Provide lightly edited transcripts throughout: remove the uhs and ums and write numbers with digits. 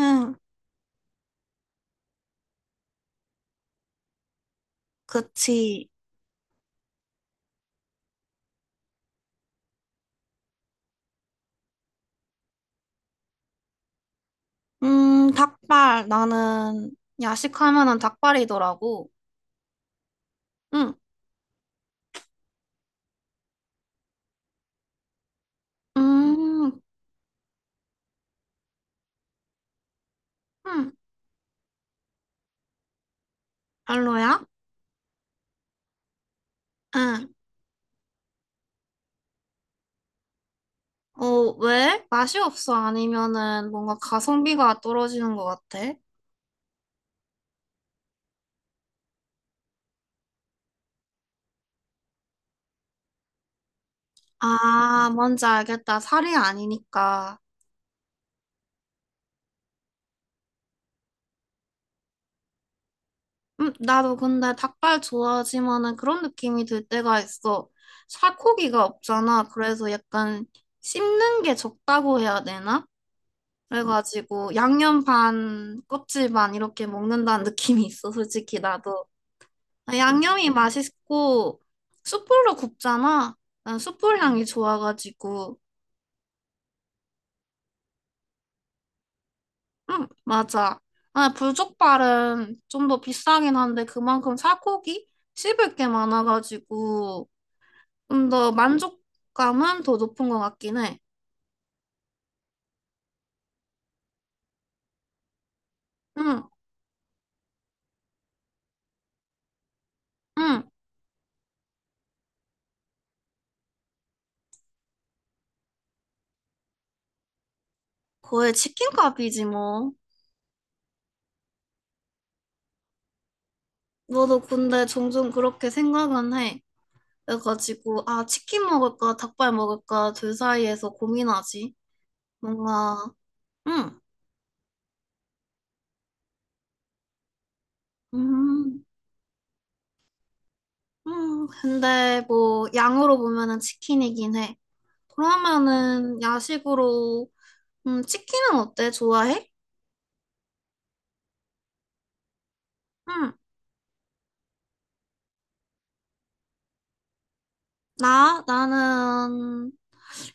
응, 그치. 닭발. 나는 야식하면은 닭발이더라고. 응, 음, 응, 별로야? 응. 어, 왜? 맛이 없어? 아니면은 뭔가 가성비가 떨어지는 것 같아? 아, 뭔지 알겠다. 살이 아니니까. 나도 근데 닭발 좋아하지만은 그런 느낌이 들 때가 있어. 살코기가 없잖아. 그래서 약간 씹는 게 적다고 해야 되나? 그래가지고 양념 반, 껍질 반 이렇게 먹는다는 느낌이 있어, 솔직히 나도. 아, 양념이 맛있고 숯불로 굽잖아. 난 숯불 향이 좋아가지고. 응, 맞아. 아, 불족발은 좀 더 비싸긴 한데 그만큼 살코기 씹을 게 많아가지고 좀 더 만족감은 더 높은 것 같긴 해. 응, 응. 거의 치킨값이지 뭐. 너도 근데 종종 그렇게 생각은 해. 그래가지고, 아, 치킨 먹을까, 닭발 먹을까, 둘 사이에서 고민하지. 뭔가, 응, 음, 음. 근데 뭐, 양으로 보면은 치킨이긴 해. 그러면은, 야식으로, 치킨은 어때? 좋아해? 응. 나, 나는,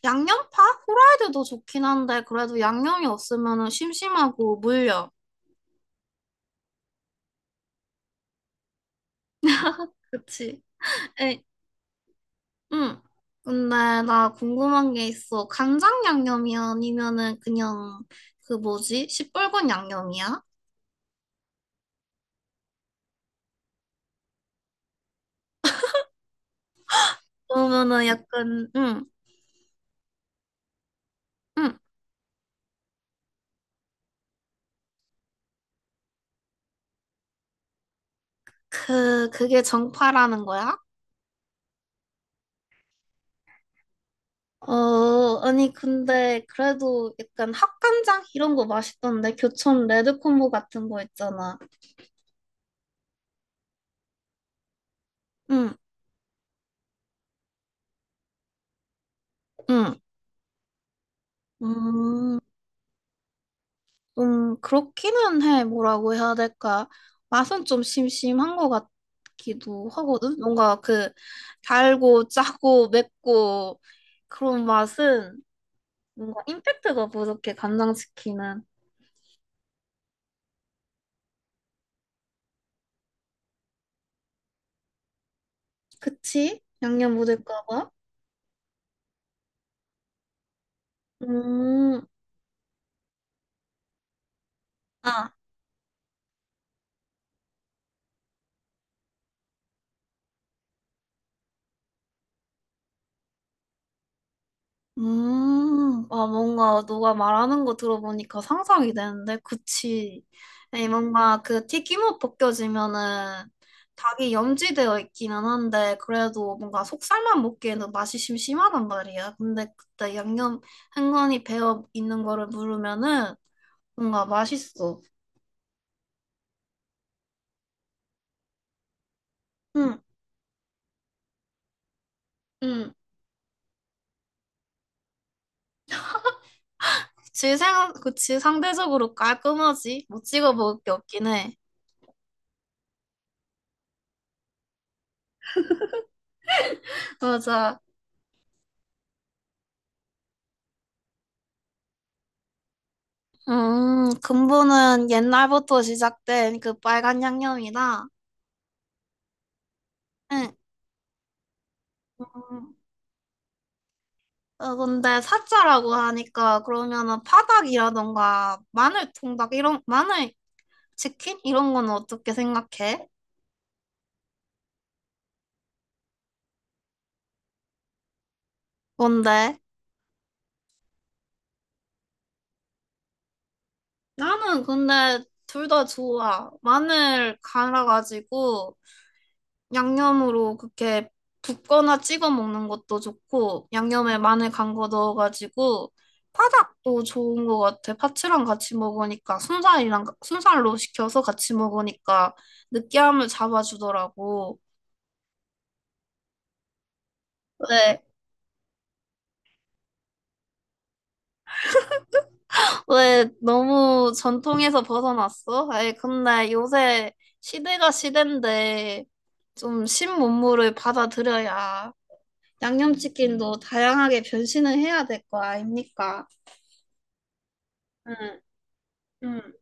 양념파? 후라이드도 좋긴 한데, 그래도 양념이 없으면은 심심하고 물려. 그치? 에, 응. 근데 나 궁금한 게 있어. 간장 양념이 아니면은 그냥 그 뭐지? 시뻘건 양념이야? 그러면은 약간 응. 응. 그게 정파라는 거야? 어, 아니 근데 그래도 약간 합간장 이런 거 맛있던데 교촌 레드콤보 같은 거 있잖아. 응. 응. 음. 좀 그렇기는 해. 뭐라고 해야 될까? 맛은 좀 심심한 것 같기도 하거든. 뭔가 그 달고 짜고 맵고 그런 맛은 뭔가 임팩트가 부족해. 간장치킨은. 그치? 양념 묻을까 봐. 음. 아, 아, 뭔가 너가 말하는 거 들어보니까 상상이 되는데, 그치. 에 뭔가 그 튀김옷 벗겨지면은 닭이 염지되어 있기는 한데, 그래도 뭔가 속살만 먹기에는 맛이 심심하단 말이야. 근데 그때 양념 흥건히 배어 있는 거를 누르면은 뭔가 맛있어. 응, 응. 그치, 그치, 상대적으로 깔끔하지. 못 찍어 먹을 게 없긴 해. 맞아. 근본은 옛날부터 시작된 그 빨간 양념이다. 응. 음, 어, 근데 사자라고 하니까 그러면은 파닭이라던가 마늘 통닭 이런 마늘 치킨 이런 건 어떻게 생각해? 뭔데? 나는 근데 둘 다 좋아. 마늘 갈아가지고 양념으로 그렇게 붓거나 찍어 먹는 것도 좋고 양념에 마늘 간 거 넣어가지고 파닭도 좋은 것 같아. 파츠랑 같이 먹으니까 순살이랑 순살로 시켜서 같이 먹으니까 느끼함을 잡아주더라고. 왜, 왜 너무 전통에서 벗어났어? 아니, 근데 요새 시대가 시대인데 좀 신문물을 받아들여야 양념치킨도 다양하게 변신을 해야 될 거 아닙니까? 응, 응.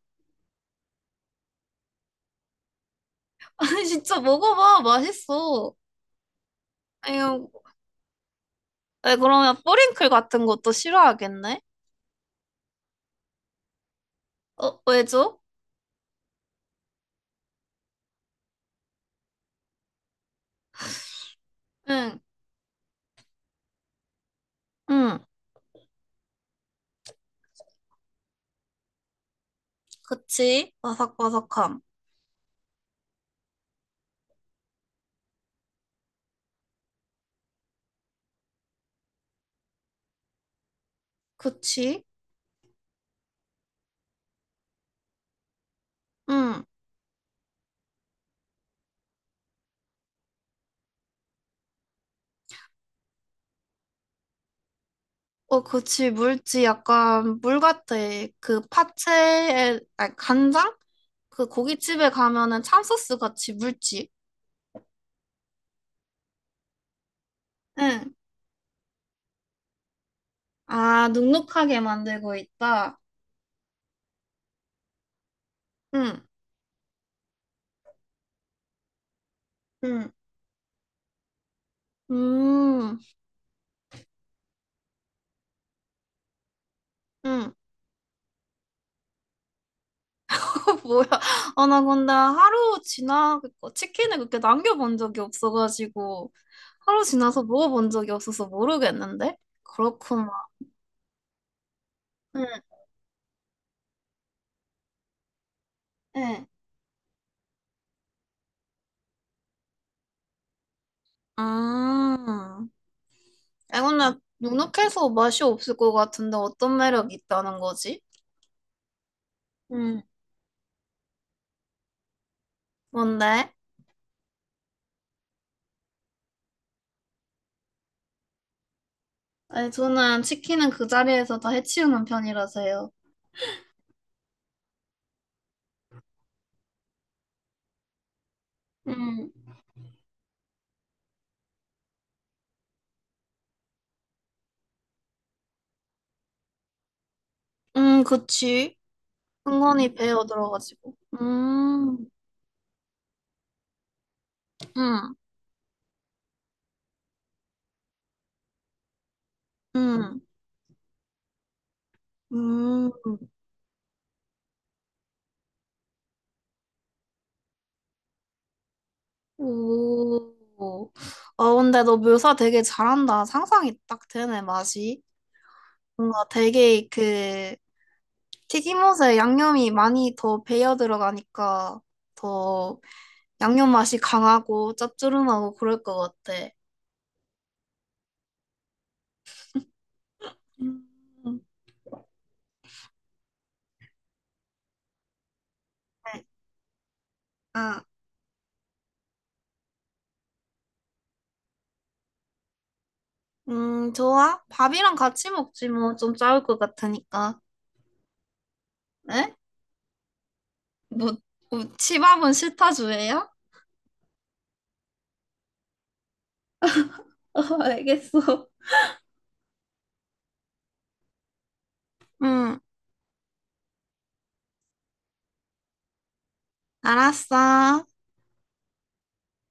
진짜 먹어봐. 맛있어. 아유, 왜 그러면 뿌링클 같은 것도 싫어하겠네? 어, 왜죠? 응, 응, 그치. 바삭바삭함. 그치. 응. 어, 그치. 물지 약간 물 같아. 그 파채에, 아니, 간장? 그 고깃집에 가면은 참소스 같이 물지. 응. 아, 눅눅하게 만들고 있다. 응, 응, 음, 응. 뭐야? 아, 나 근데 하루 지나 치킨을 그렇게 남겨본 적이 없어가지고 하루 지나서 먹어본 적이 없어서 모르겠는데? 그렇구만. 응, 응. 아, 아, 근데 눅눅해서 맛이 없을 것 같은데 어떤 매력이 있다는 거지? 응. 뭔데? 아니, 저는 치킨은 그 자리에서 다 해치우는 편이라서요. 응. 응, 그치. 은근히 배어 들어가지고. 음, 응, 응, 음. 오. 아 근데 너 묘사 되게 잘한다. 상상이 딱 되네, 맛이. 뭔가 되게 그 튀김옷에 양념이 많이 더 배어 들어가니까 더 양념 맛이 강하고 짭조름하고 그럴 것 같아. 음. 네. 아, 좋아. 밥이랑 같이 먹지 뭐 좀 짜울 것 같으니까. 에? 뭐, 뭐 치밥은 싫다 주예요? 어, 알겠어. 응, 알았어.